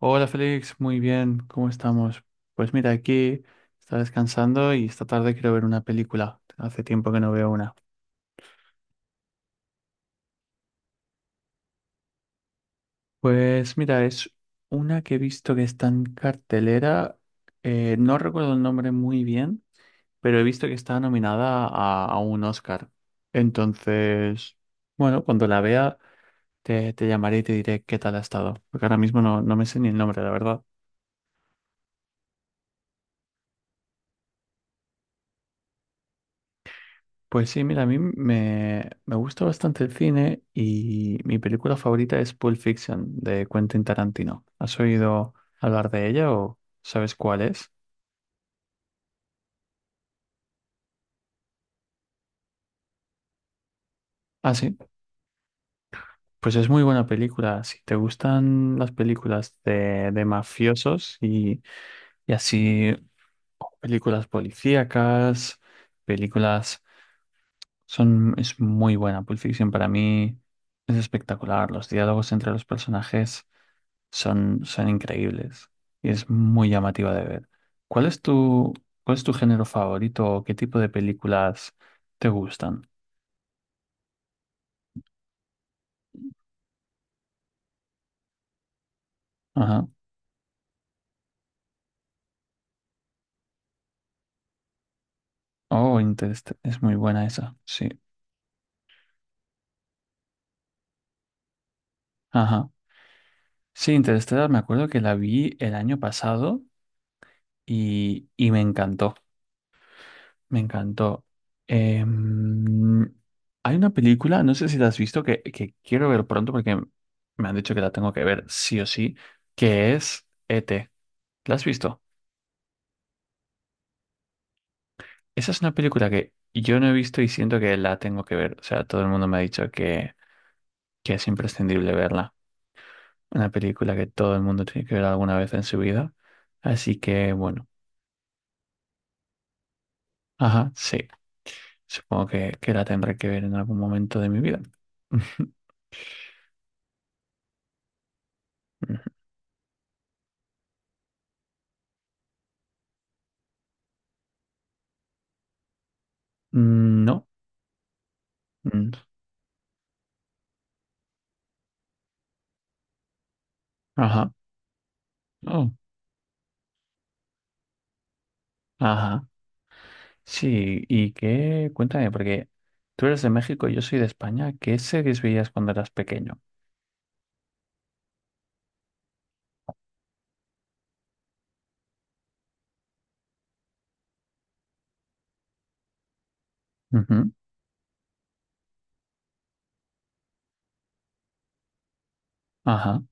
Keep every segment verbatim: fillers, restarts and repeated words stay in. Hola Félix, muy bien, ¿cómo estamos? Pues mira, aquí está descansando y esta tarde quiero ver una película. Hace tiempo que no veo una. Pues mira, es una que he visto que está en cartelera. Eh, no recuerdo el nombre muy bien, pero he visto que está nominada a, a un Oscar. Entonces, bueno, cuando la vea te, te llamaré y te diré qué tal ha estado, porque ahora mismo no, no me sé ni el nombre, la verdad. Pues sí, mira, a mí me, me gusta bastante el cine y mi película favorita es Pulp Fiction de Quentin Tarantino. ¿Has oído hablar de ella o sabes cuál es? Ah, sí, pues es muy buena película. Si te gustan las películas de, de mafiosos y, y así películas policíacas, películas son, es muy buena. Pulp Fiction para mí es espectacular. Los diálogos entre los personajes. Son, son increíbles y es muy llamativa de ver. ¿Cuál es tu, cuál es tu género favorito o qué tipo de películas te gustan? Ajá. Oh, Interestelar. Es muy buena esa. Sí. Ajá. Sí, Interestelar, me acuerdo que la vi el año pasado y, y me encantó. Me encantó. Em, Hay una película, no sé si la has visto, que, que quiero ver pronto porque me han dicho que la tengo que ver sí o sí, que es E T ¿La has visto? Esa es una película que yo no he visto y siento que la tengo que ver. O sea, todo el mundo me ha dicho que, que es imprescindible verla. Una película que todo el mundo tiene que ver alguna vez en su vida. Así que, bueno, ajá, sí. Supongo que, que la tendré que ver en algún momento de mi vida. No. Mm, ajá. Oh, ajá. Sí, ¿y qué? Cuéntame, porque tú eres de México y yo soy de España. ¿Qué series veías cuando eras pequeño? Ujú, ajá.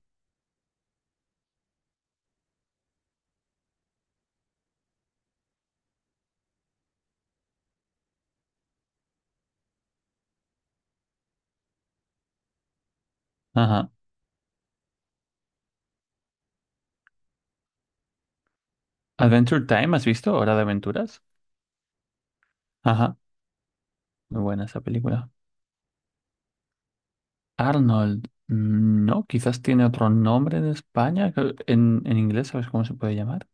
Ajá. Adventure Time, ¿has visto? Hora de Aventuras. Ajá, muy buena esa película. Arnold, mm, no, quizás tiene otro nombre en España. Que- En, en inglés, ¿sabes cómo se puede llamar?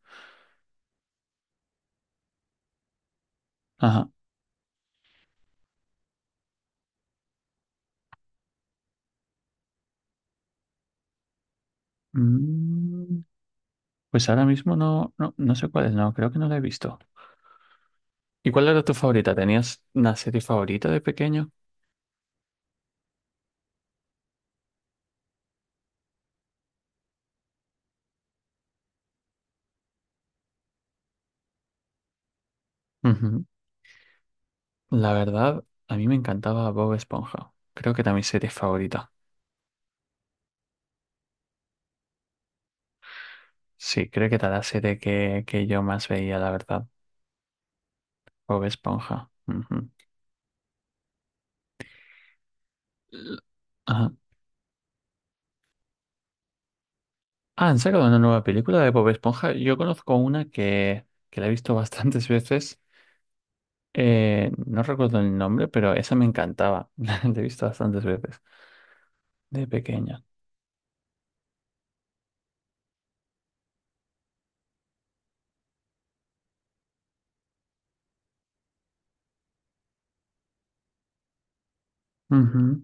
Ajá. mm, pues ahora mismo no, no, no sé cuál es, no, creo que no la he visto. ¿Y cuál era tu favorita? ¿Tenías una serie favorita de pequeño? Ujú. La verdad, a mí me encantaba Bob Esponja. Creo que era mi serie favorita. Sí, creo que era la serie que, que yo más veía, la verdad. Bob Esponja. Ujú. L-, ajá. Ah, han sacado una nueva película de Bob Esponja. Yo conozco una que, que la he visto bastantes veces. Eh, no recuerdo el nombre, pero esa me encantaba. La he visto bastantes veces de pequeña. Ujú.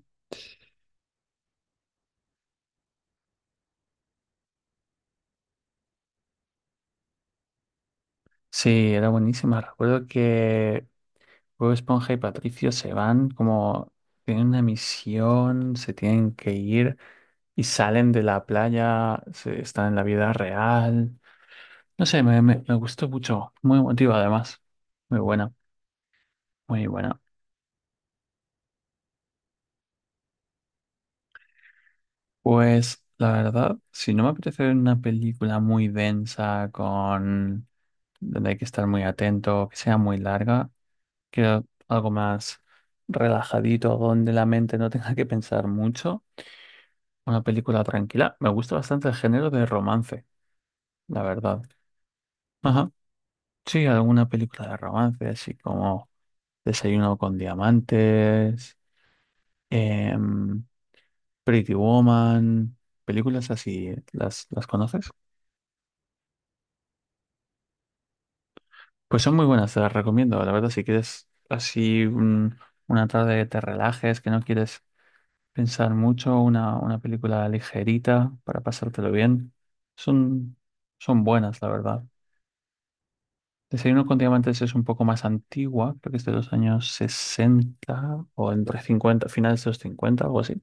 Sí, era buenísima. Recuerdo que Bob Esponja y Patricio se van como tienen una misión, se tienen que ir y salen de la playa, se- están en la vida real. No sé, me, me, me gustó mucho. Muy emotiva además. Muy buena, muy buena. Pues la verdad, si no me apetece ver una película muy densa, con donde hay que estar muy atento, que sea muy larga, quiero algo más relajadito, donde la mente no tenga que pensar mucho, una película tranquila. Me gusta bastante el género de romance, la verdad. Ajá. Sí, alguna película de romance, así como Desayuno con Diamantes, em, Pretty Woman, películas así, ¿las, las conoces? Pues son muy buenas, te las recomiendo. La verdad, si quieres así un- una tarde que te relajes, que no quieres pensar mucho, una, una película ligerita para pasártelo bien, son, son buenas, la verdad. Desayuno con Diamantes es un poco más antigua, creo que es de los años sesenta o entre cincuenta finales de los cincuenta algo así.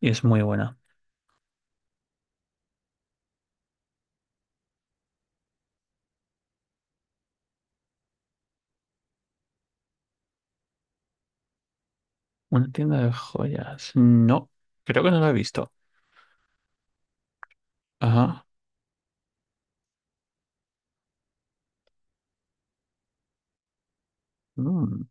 Y es muy buena. Una tienda de joyas. No, creo que no la he visto. Ajá. Mm.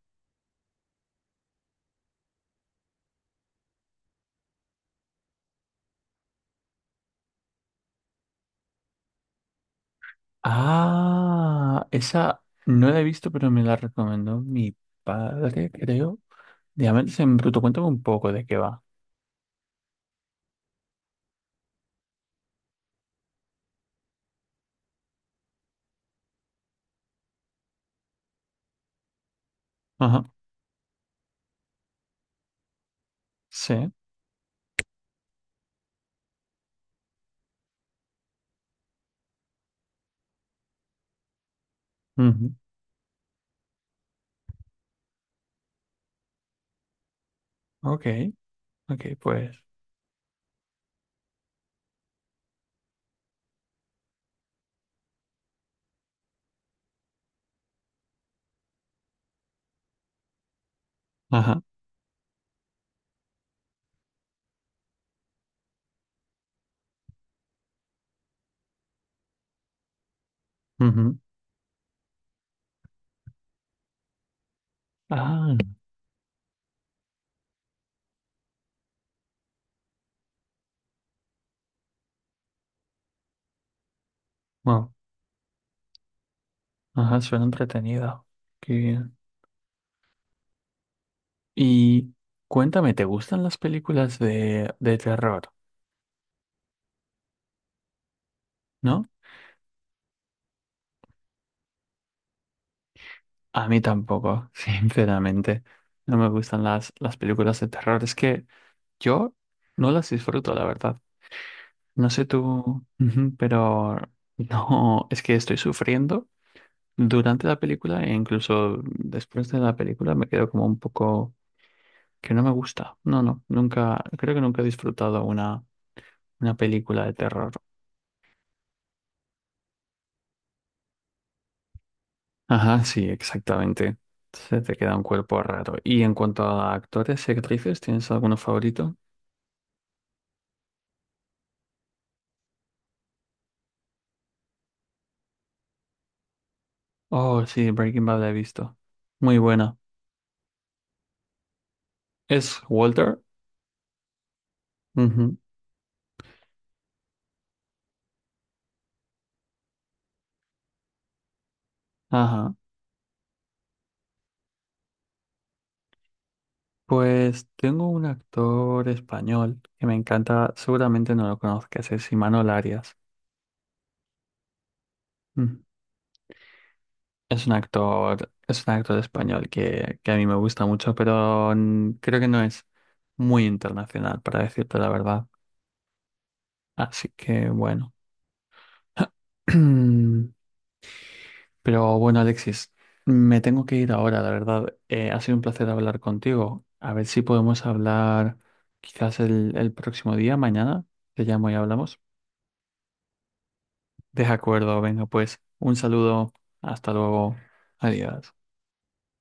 Ah, esa no la he visto, pero me la recomendó mi padre, creo. Diamantes en bruto, cuéntame un poco de qué va. Ajá, sí. Ujú, ok, ok, pues. Ajá, ujú. Ah, wow. Ajá, suena entretenido. Qué bien. Y cuéntame, ¿te gustan las películas de, de terror? ¿No? A mí tampoco, sinceramente. No me gustan las, las películas de terror. Es que yo no las disfruto, la verdad. No sé tú, ujú, pero no, es que estoy sufriendo durante la película e incluso después de la película me quedo como un poco que no me gusta. No, no, nunca, creo que nunca he disfrutado una, una película de terror. Ajá, sí, exactamente. Se te queda un cuerpo raro. Y en cuanto a actores y actrices, ¿tienes alguno favorito? Oh, sí, Breaking Bad la he visto. Muy buena. Es Walter. Ujú, ajá. Pues tengo un actor español que me encanta, seguramente no lo conozcas, es Imanol Arias. Mm. Es un actor, es un actor español que, que a mí me gusta mucho, pero mm, creo que no es muy internacional, para decirte la verdad. Así que bueno. Pero bueno, Alexis, me tengo que ir ahora, la verdad. Eh, ha sido un placer hablar contigo. A ver si podemos hablar quizás el, el próximo día, mañana. Te llamo y hablamos. De acuerdo, venga pues, un saludo, hasta luego, adiós.